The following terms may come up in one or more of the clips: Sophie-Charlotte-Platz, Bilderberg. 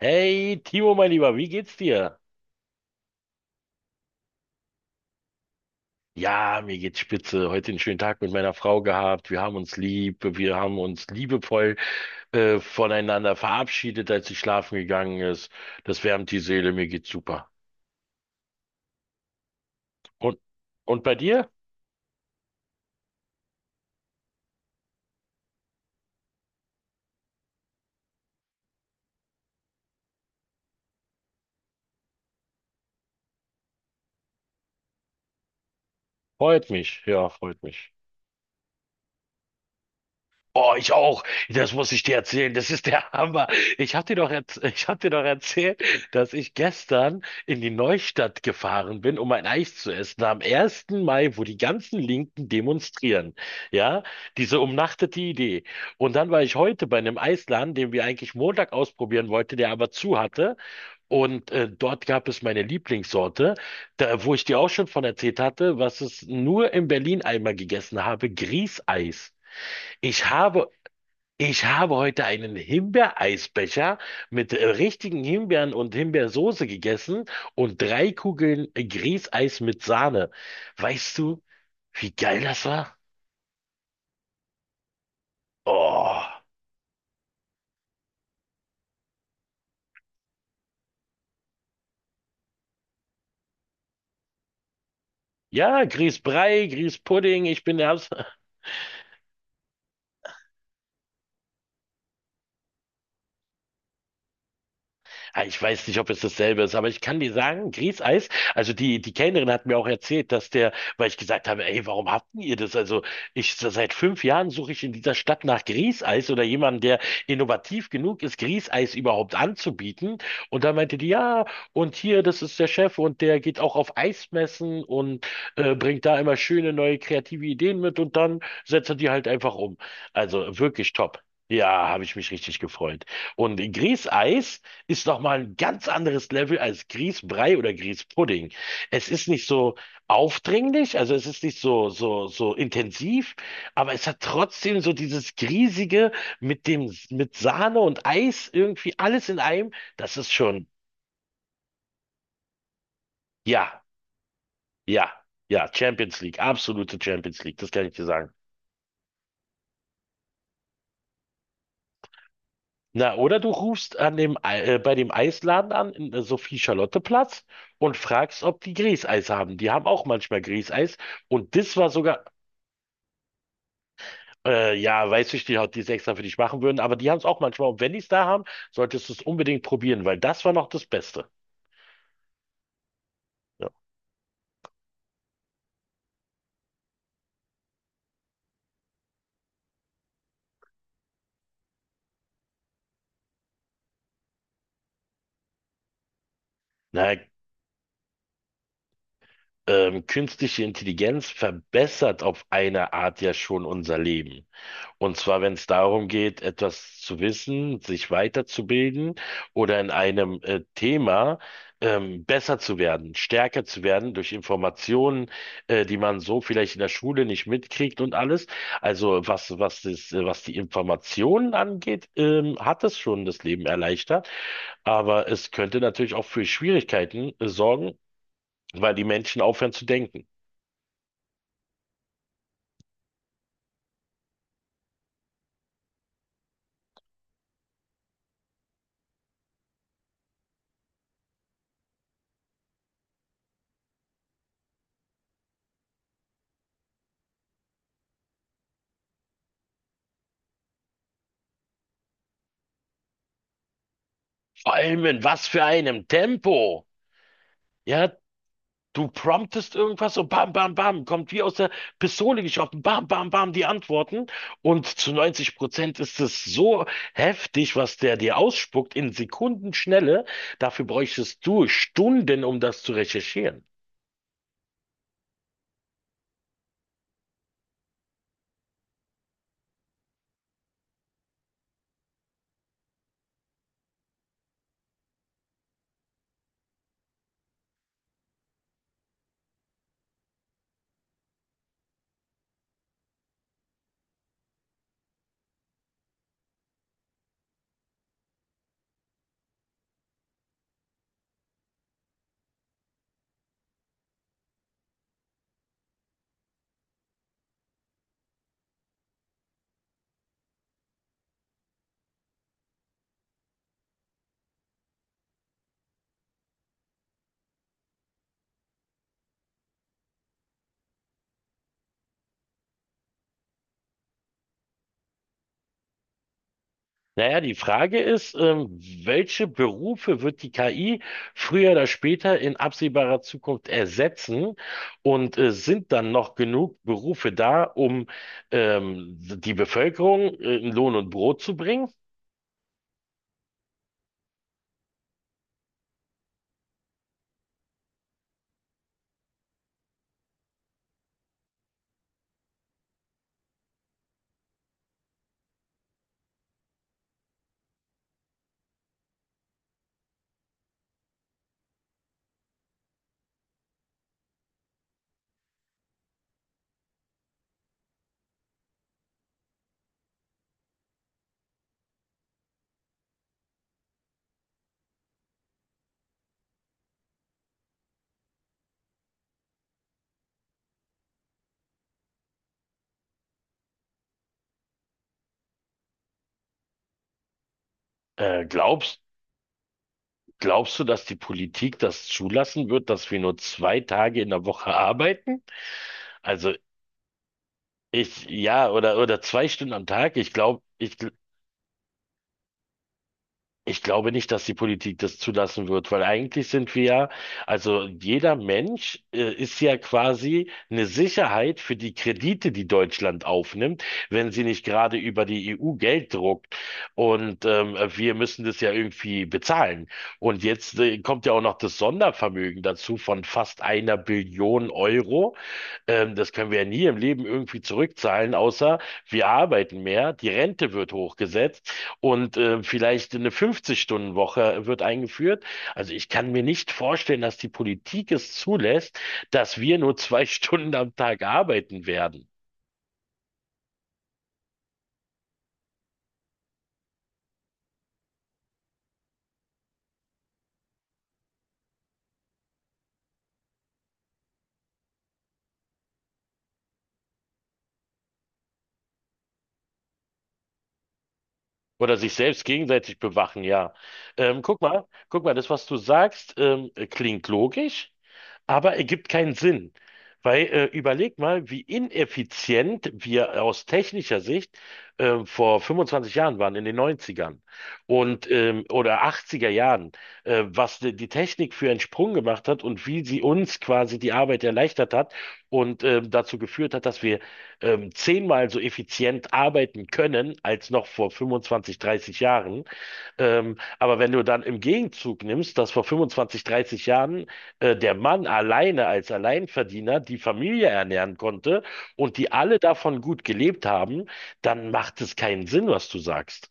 Hey, Timo, mein Lieber, wie geht's dir? Ja, mir geht's spitze. Heute einen schönen Tag mit meiner Frau gehabt. Wir haben uns liebevoll voneinander verabschiedet, als sie schlafen gegangen ist. Das wärmt die Seele, mir geht's super. Und, und bei dir? Freut mich, ja, freut mich. Oh, ich auch. Das muss ich dir erzählen. Das ist der Hammer. Ich hab dir doch erz- ich hab dir doch erzählt, dass ich gestern in die Neustadt gefahren bin, um ein Eis zu essen. Am ersten Mai, wo die ganzen Linken demonstrieren. Ja, diese umnachtete Idee. Und dann war ich heute bei einem Eisladen, den wir eigentlich Montag ausprobieren wollten, der aber zu hatte. Und dort gab es meine Lieblingssorte, da, wo ich dir auch schon von erzählt hatte, was es nur in Berlin einmal gegessen habe, Grießeis. Ich habe ich habe heute einen Himbeereisbecher mit richtigen Himbeeren und Himbeersoße gegessen und drei Kugeln Grießeis mit Sahne. Weißt du, wie geil das war? Oh. Ja, Grießbrei, Grießpudding, ich bin der Ah, ich weiß nicht, ob es dasselbe ist, aber ich kann dir sagen, Grießeis, also die Kellnerin hat mir auch erzählt, dass der, weil ich gesagt habe, ey, warum habt ihr das? Also ich, seit 5 Jahren suche ich in dieser Stadt nach Grießeis oder jemanden, der innovativ genug ist, Grießeis überhaupt anzubieten. Und da meinte die, ja, und hier, das ist der Chef und der geht auch auf Eismessen und bringt da immer schöne neue kreative Ideen mit und dann setzt er die halt einfach um. Also wirklich top. Ja, habe ich mich richtig gefreut. Und Grießeis, ist nochmal ein ganz anderes Level als Grießbrei oder Grießpudding. Es ist nicht so aufdringlich, also es ist nicht so, so, so intensiv, aber es hat trotzdem so dieses Griesige mit dem, mit Sahne und Eis irgendwie alles in einem. Das ist schon, ja, ja, ja, Champions League, absolute Champions League, das kann ich dir sagen. Na, oder du rufst bei dem Eisladen an, in Sophie-Charlotte-Platz und fragst, ob die Grießeis haben. Die haben auch manchmal Grießeis. Und das war sogar ja, Weißfischstäbchen hat die es extra für dich machen würden, aber die haben es auch manchmal. Und wenn die es da haben, solltest du es unbedingt probieren, weil das war noch das Beste. Ja. Na, künstliche Intelligenz verbessert auf eine Art ja schon unser Leben. Und zwar, wenn es darum geht, etwas zu wissen, sich weiterzubilden oder in einem Thema, besser zu werden, stärker zu werden durch Informationen, die man so vielleicht in der Schule nicht mitkriegt und alles. Also was, was das, was die Informationen angeht, hat es schon das Leben erleichtert. Aber es könnte natürlich auch für Schwierigkeiten sorgen, weil die Menschen aufhören zu denken. Vor allem in was für einem Tempo. Ja, Du promptest irgendwas und bam, bam, bam, kommt wie aus der Pistole geschossen, bam, bam, bam, die Antworten. Und zu 90% ist es so heftig, was der dir ausspuckt in Sekundenschnelle. Dafür bräuchtest du Stunden, um das zu recherchieren. Naja, die Frage ist, welche Berufe wird die KI früher oder später in absehbarer Zukunft ersetzen? Und sind dann noch genug Berufe da, um die Bevölkerung in Lohn und Brot zu bringen? Äh, glaubst, glaubst du, dass die Politik das zulassen wird, dass wir nur zwei Tage in der Woche arbeiten? Also ich, ja, oder zwei Stunden am Tag. Ich glaube nicht, dass die Politik das zulassen wird, weil eigentlich sind wir ja, also jeder Mensch ist ja quasi eine Sicherheit für die Kredite, die Deutschland aufnimmt, wenn sie nicht gerade über die EU Geld druckt. Und wir müssen das ja irgendwie bezahlen. Und jetzt kommt ja auch noch das Sondervermögen dazu von fast einer Billion Euro, das können wir ja nie im Leben irgendwie zurückzahlen, außer wir arbeiten mehr, die Rente wird hochgesetzt und vielleicht eine 50-Stunden-Woche wird eingeführt. Also ich kann mir nicht vorstellen, dass die Politik es zulässt, dass wir nur zwei Stunden am Tag arbeiten werden. Oder sich selbst gegenseitig bewachen, ja. Guck mal, das, was du sagst, klingt logisch. Aber ergibt keinen Sinn. Weil überleg mal, wie ineffizient wir aus technischer Sicht vor 25 Jahren waren, in den 90ern und oder 80er Jahren, was die Technik für einen Sprung gemacht hat und wie sie uns quasi die Arbeit erleichtert hat und dazu geführt hat, dass wir zehnmal so effizient arbeiten können als noch vor 25, 30 Jahren. Aber wenn du dann im Gegenzug nimmst, dass vor 25, 30 Jahren der Mann alleine als Alleinverdiener die Familie ernähren konnte und die alle davon gut gelebt haben, dann macht es keinen Sinn, was du sagst.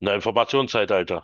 Na, Informationszeitalter.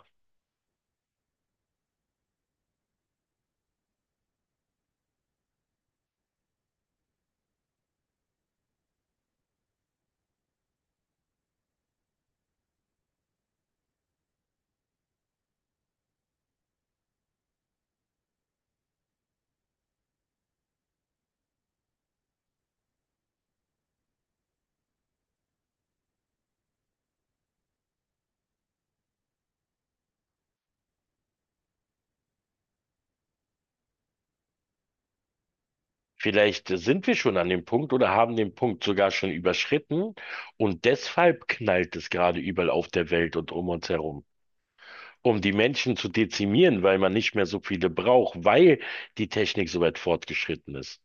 Vielleicht sind wir schon an dem Punkt oder haben den Punkt sogar schon überschritten und deshalb knallt es gerade überall auf der Welt und um uns herum. Um die Menschen zu dezimieren, weil man nicht mehr so viele braucht, weil die Technik so weit fortgeschritten ist.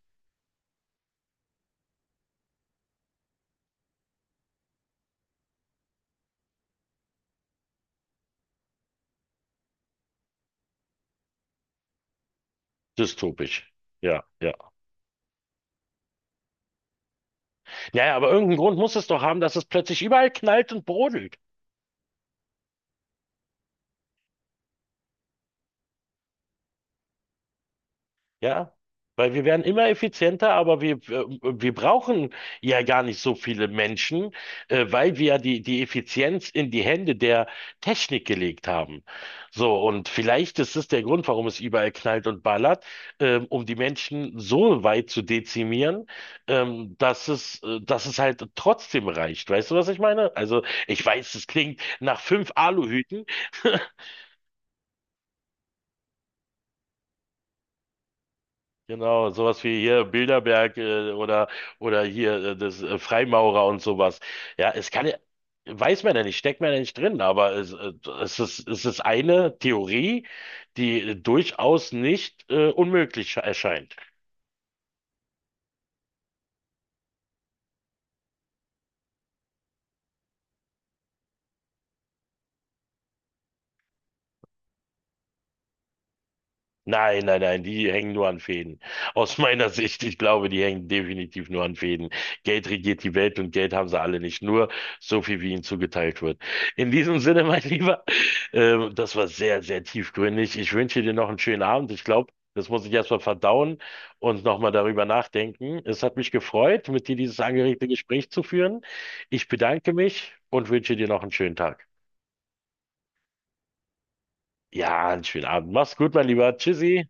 Dystopisch. Ja, ja. Naja, aber irgendeinen Grund muss es doch haben, dass es plötzlich überall knallt und brodelt. Ja, weil wir werden immer effizienter, aber wir brauchen ja gar nicht so viele Menschen, weil wir ja die Effizienz in die Hände der Technik gelegt haben. So, und vielleicht ist es der Grund, warum es überall knallt und ballert, um die Menschen so weit zu dezimieren, dass es halt trotzdem reicht. Weißt du, was ich meine? Also, ich weiß, es klingt nach fünf Aluhüten, genau, sowas wie hier Bilderberg, oder hier das Freimaurer und sowas. Ja, es kann ja, weiß man ja nicht, steckt man ja nicht drin, aber es ist eine Theorie, die durchaus nicht unmöglich erscheint. Nein, nein, nein, die hängen nur an Fäden. Aus meiner Sicht, ich glaube, die hängen definitiv nur an Fäden. Geld regiert die Welt und Geld haben sie alle nicht. Nur so viel, wie ihnen zugeteilt wird. In diesem Sinne, mein Lieber, das war sehr, sehr tiefgründig. Ich wünsche dir noch einen schönen Abend. Ich glaube, das muss ich erstmal verdauen und nochmal darüber nachdenken. Es hat mich gefreut, mit dir dieses angeregte Gespräch zu führen. Ich bedanke mich und wünsche dir noch einen schönen Tag. Ja, einen schönen Abend. Mach's gut, mein Lieber. Tschüssi.